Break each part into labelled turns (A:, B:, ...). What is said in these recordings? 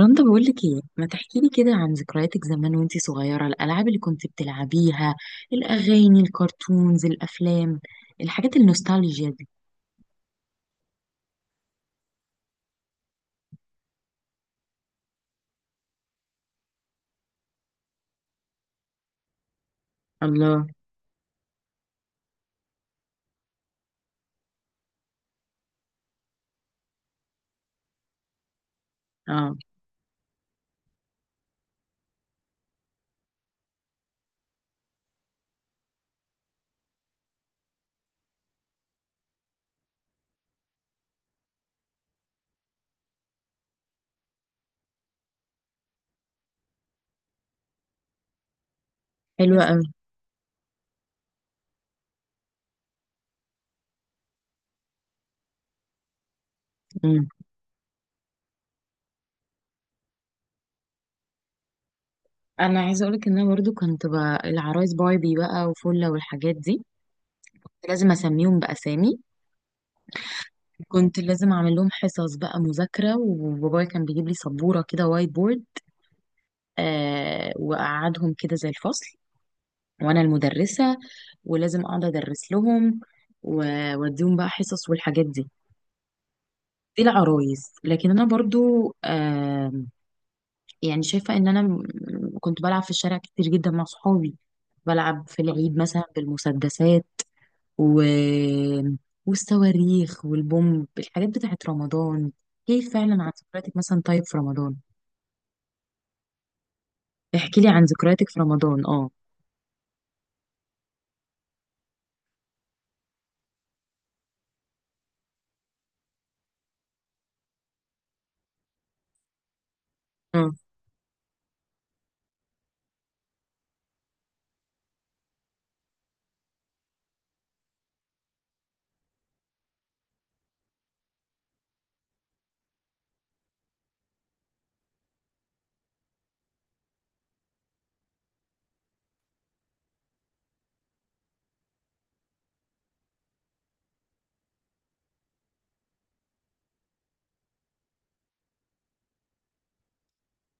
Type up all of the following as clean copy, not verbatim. A: رندا، بقولك ايه ما تحكيلي كده عن ذكرياتك زمان وانتي صغيرة، الألعاب اللي كنت بتلعبيها، الأغاني، الكرتونز، الأفلام، الحاجات النوستالجيا دي. الله. اه حلوة قوي. مم. انا عايزة اقولك ان انا برضو كنت بقى العرايس باربي بقى وفلة والحاجات دي. كنت لازم اسميهم بأسامي، كنت لازم اعمل لهم حصص بقى مذاكرة، وبابايا كان بيجيب لي سبورة كده وايت بورد. آه، وأقعدهم كده زي الفصل وانا المدرسة، ولازم اقعد ادرس لهم واديهم بقى حصص والحاجات دي. دي العرايس، لكن انا برضو آه، يعني شايفه ان انا كنت بلعب في الشارع كتير جدا مع صحابي، بلعب في العيد مثلا بالمسدسات و... والصواريخ والبومب، الحاجات بتاعت رمضان. كيف فعلا عن ذكرياتك مثلا، طيب في رمضان؟ احكي لي عن ذكرياتك في رمضان. اه اه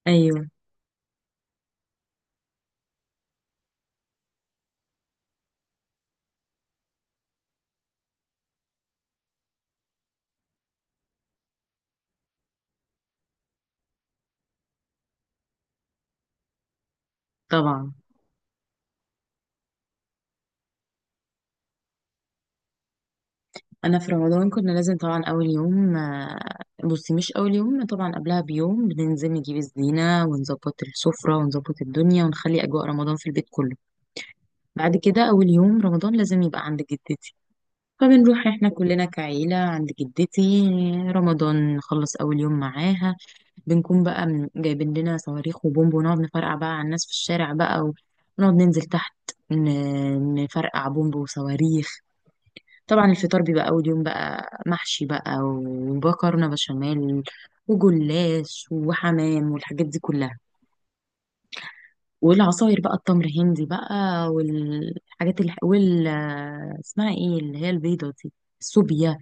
A: ايوه، طبعا انا في رمضان كنا لازم طبعا اول يوم آه، بصي مش اول يوم، طبعا قبلها بيوم بننزل نجيب الزينه ونظبط السفره ونظبط الدنيا ونخلي اجواء رمضان في البيت كله. بعد كده اول يوم رمضان لازم يبقى عند جدتي، فبنروح احنا كلنا كعيله عند جدتي. رمضان نخلص اول يوم معاها، بنكون بقى جايبين لنا صواريخ وبومب ونقعد نفرقع بقى على الناس في الشارع بقى، ونقعد ننزل تحت نفرقع بومب وصواريخ. طبعا الفطار بيبقى أول يوم بقى محشي بقى ومكرونة بشاميل وجلاش وحمام والحاجات دي كلها. والعصاير بقى التمر هندي بقى والحاجات اللي، وال، اسمها ايه اللي هي البيضة دي، السوبيا.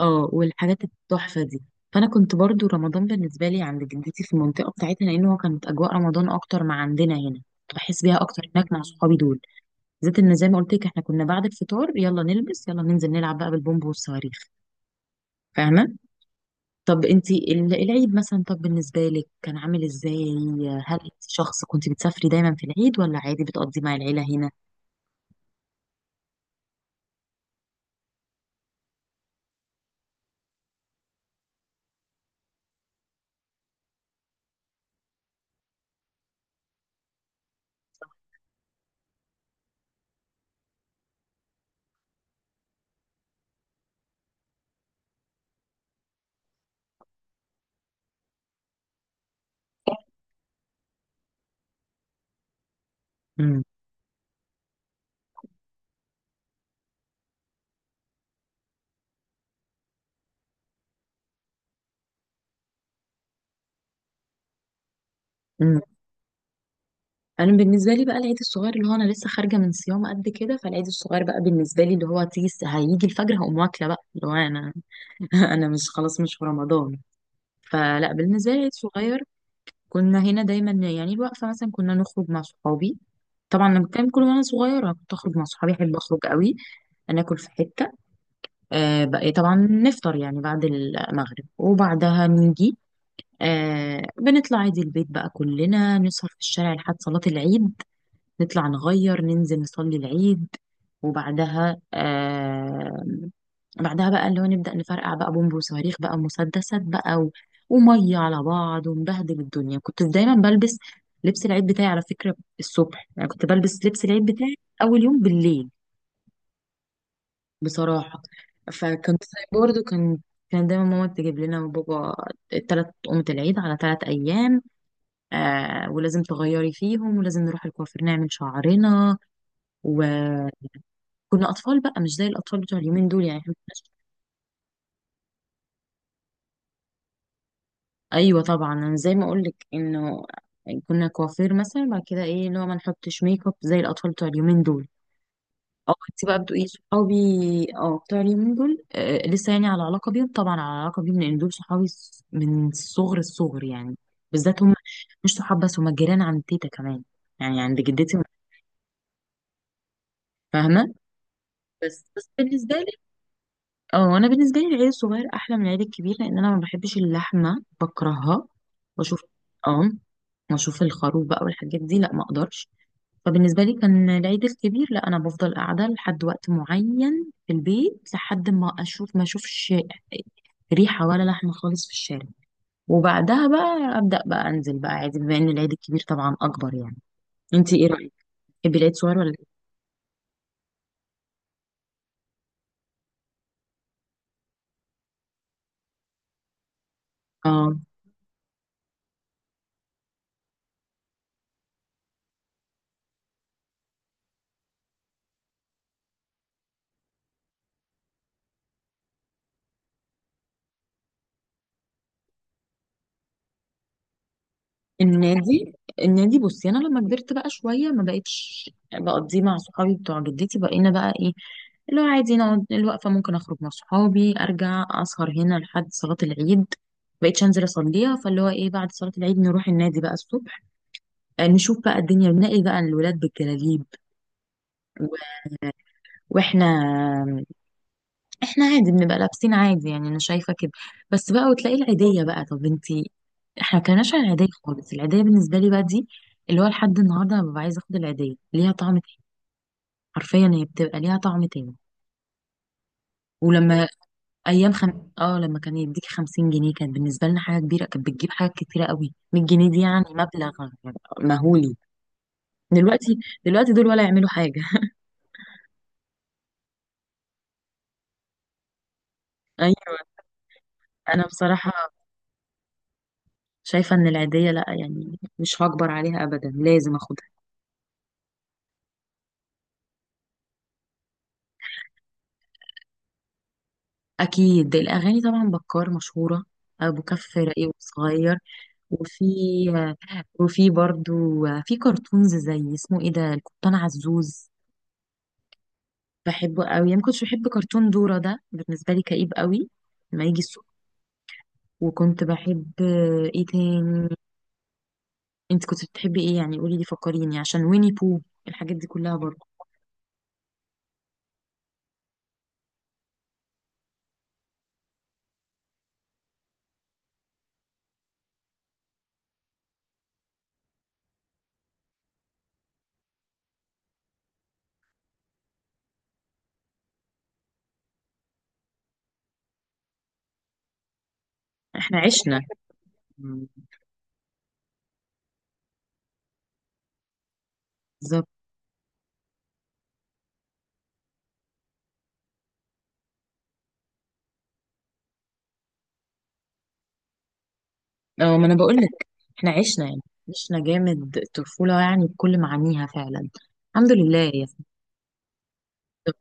A: اه، والحاجات التحفة دي. فأنا كنت برضو رمضان بالنسبة لي عند جدتي في المنطقة بتاعتنا، لأنه كانت أجواء رمضان أكتر ما عندنا هنا، كنت بحس بيها أكتر هناك مع صحابي دول بالذات. إن زي ما قلت لك، إحنا كنا بعد الفطار يلا نلبس يلا ننزل نلعب بقى بالبومب والصواريخ. فاهمة؟ طب انتي العيد مثلا طب بالنسبة لك كان عامل ازاي؟ هل انت شخص كنت بتسافري دايما في العيد، ولا عادي بتقضي مع العيلة هنا؟ امم امم انا بالنسبة لي بقى العيد الصغير، اللي هو انا لسه خارجة من صيام قد كده، فالعيد الصغير بقى بالنسبة لي اللي هو تيجي هيجي الفجر هقوم واكلة بقى اللي هو انا انا مش، خلاص مش في رمضان. فلا بالنسبة لي العيد الصغير كنا هنا دايما، يعني الوقفة مثلا كنا نخرج مع صحابي، طبعا لما كان كل، وانا صغيرة كنت اخرج مع صحابي، احب اخرج قوي. ناكل في حتة، آه، بقى إيه، طبعا نفطر يعني بعد المغرب، وبعدها نيجي. آه، بنطلع عادي البيت بقى كلنا نسهر في الشارع لحد صلاة العيد، نطلع نغير ننزل نصلي العيد. وبعدها آه، بعدها بقى اللي هو نبدأ نفرقع بقى بومب وصواريخ بقى ومسدسات بقى ومية على بعض، ونبهدل الدنيا. كنت دايما بلبس لبس العيد بتاعي على فكرة الصبح، يعني كنت بلبس لبس العيد بتاعي أول يوم بالليل بصراحة. فكنت، برضه كان، كان دايما ماما تجيب لنا وبابا تلات قومة العيد على تلات أيام، آه، ولازم تغيري فيهم، ولازم نروح الكوافير نعمل شعرنا. وكنا أطفال بقى مش زي الأطفال بتوع اليومين دول، يعني احنا مكناش. أيوة طبعا، أنا زي ما أقولك إنه كنا كوافير مثلا بعد كده إيه، اللي هو ما نحطش ميك اب زي الأطفال بتوع اليومين دول. اه انت بقى بتقولي صحابي. اه، بتوع اليومين دول آه، لسه يعني على علاقه بيهم؟ طبعا على علاقه بيهم لان دول صحابي من صغر الصغر يعني، بالذات هم مش صحاب بس، هم جيران عند تيتا كمان، يعني عند جدتي، فاهمه؟ بس بالنسبه لي، اه انا بالنسبه لي العيل الصغير احلى من العيل الكبير، لان انا ما بحبش اللحمه، بكرهها. بشوف، اه، واشوف الخروف بقى والحاجات دي، لا ما اقدرش. فبالنسبة لي كان العيد الكبير لا، أنا بفضل قاعدة لحد وقت معين في البيت لحد ما أشوفش ريحة ولا لحمة خالص في الشارع، وبعدها بقى أبدأ بقى أنزل بقى عادي، بما إن العيد الكبير طبعا أكبر يعني. أنتي إيه رأيك؟ تحبي العيد صغير ولا إيه؟ النادي، النادي بصي انا لما كبرت بقى شويه ما بقتش بقضيه مع صحابي بتوع جدتي، بقينا بقى ايه، اللي هو عادي نقعد الوقفه، ممكن اخرج مع صحابي ارجع اسهر هنا لحد صلاه العيد، بقيتش انزل اصليها، فاللي هو ايه بعد صلاه العيد نروح النادي بقى الصبح. آه، نشوف بقى الدنيا بنلاقي بقى الولاد بالجلاليب، واحنا، احنا عادي بنبقى لابسين عادي يعني، انا شايفه كده بس بقى. وتلاقي العيديه بقى، طب انتي، احنا ما كناش على العيديه خالص، العيديه بالنسبه لي بقى دي اللي هو لحد النهارده انا ببقى عايزه اخد العيديه، ليها طعم تاني، حرفيا هي بتبقى ليها طعم تاني. ولما ايام اه لما كان يديك 50 جنيه كانت بالنسبه لنا حاجه كبيره، كانت بتجيب حاجات كتيره قوي. 100 جنيه دي يعني مبلغ مهولي. دلوقتي، دلوقتي دول ولا يعملوا حاجه ايوه، انا بصراحه شايفه ان العيديه لا يعني مش هكبر عليها ابدا، لازم اخد. أكيد الأغاني، طبعا بكار مشهورة، أبو كف راقي وصغير. وفي، وفي برضو، في كرتونز زي اسمه إيه ده، القبطان عزوز، بحبه قوي. يعني ما كنتش بحب كرتون دورة ده، بالنسبة لي كئيب قوي لما يجي الصبح. وكنت بحب إيه تاني؟ أنت كنت بتحبي إيه؟ يعني قولي لي فكريني عشان ويني بو، الحاجات دي كلها برضو. إحنا عشنا. مم. بالظبط. أه ما أنا بقول لك، إحنا عشنا يعني، عشنا جامد الطفولة يعني بكل معانيها فعلا. الحمد لله يعني. طب،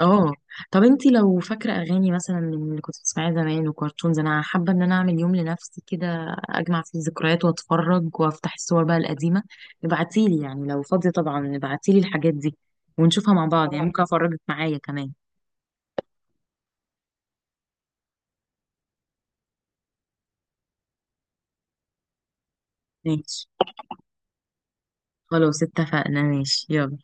A: اه طب انتي لو فاكرة اغاني مثلا من اللي كنت بتسمعيها زمان وكرتونز، انا حابة ان انا اعمل يوم لنفسي كده اجمع فيه الذكريات واتفرج وافتح الصور بقى القديمة. ابعتيلي يعني لو فاضية، طبعا ابعتيلي الحاجات دي ونشوفها مع بعض يعني، خلاص ممكن افرجك معايا كمان. ماشي، خلاص اتفقنا، ماشي يلا.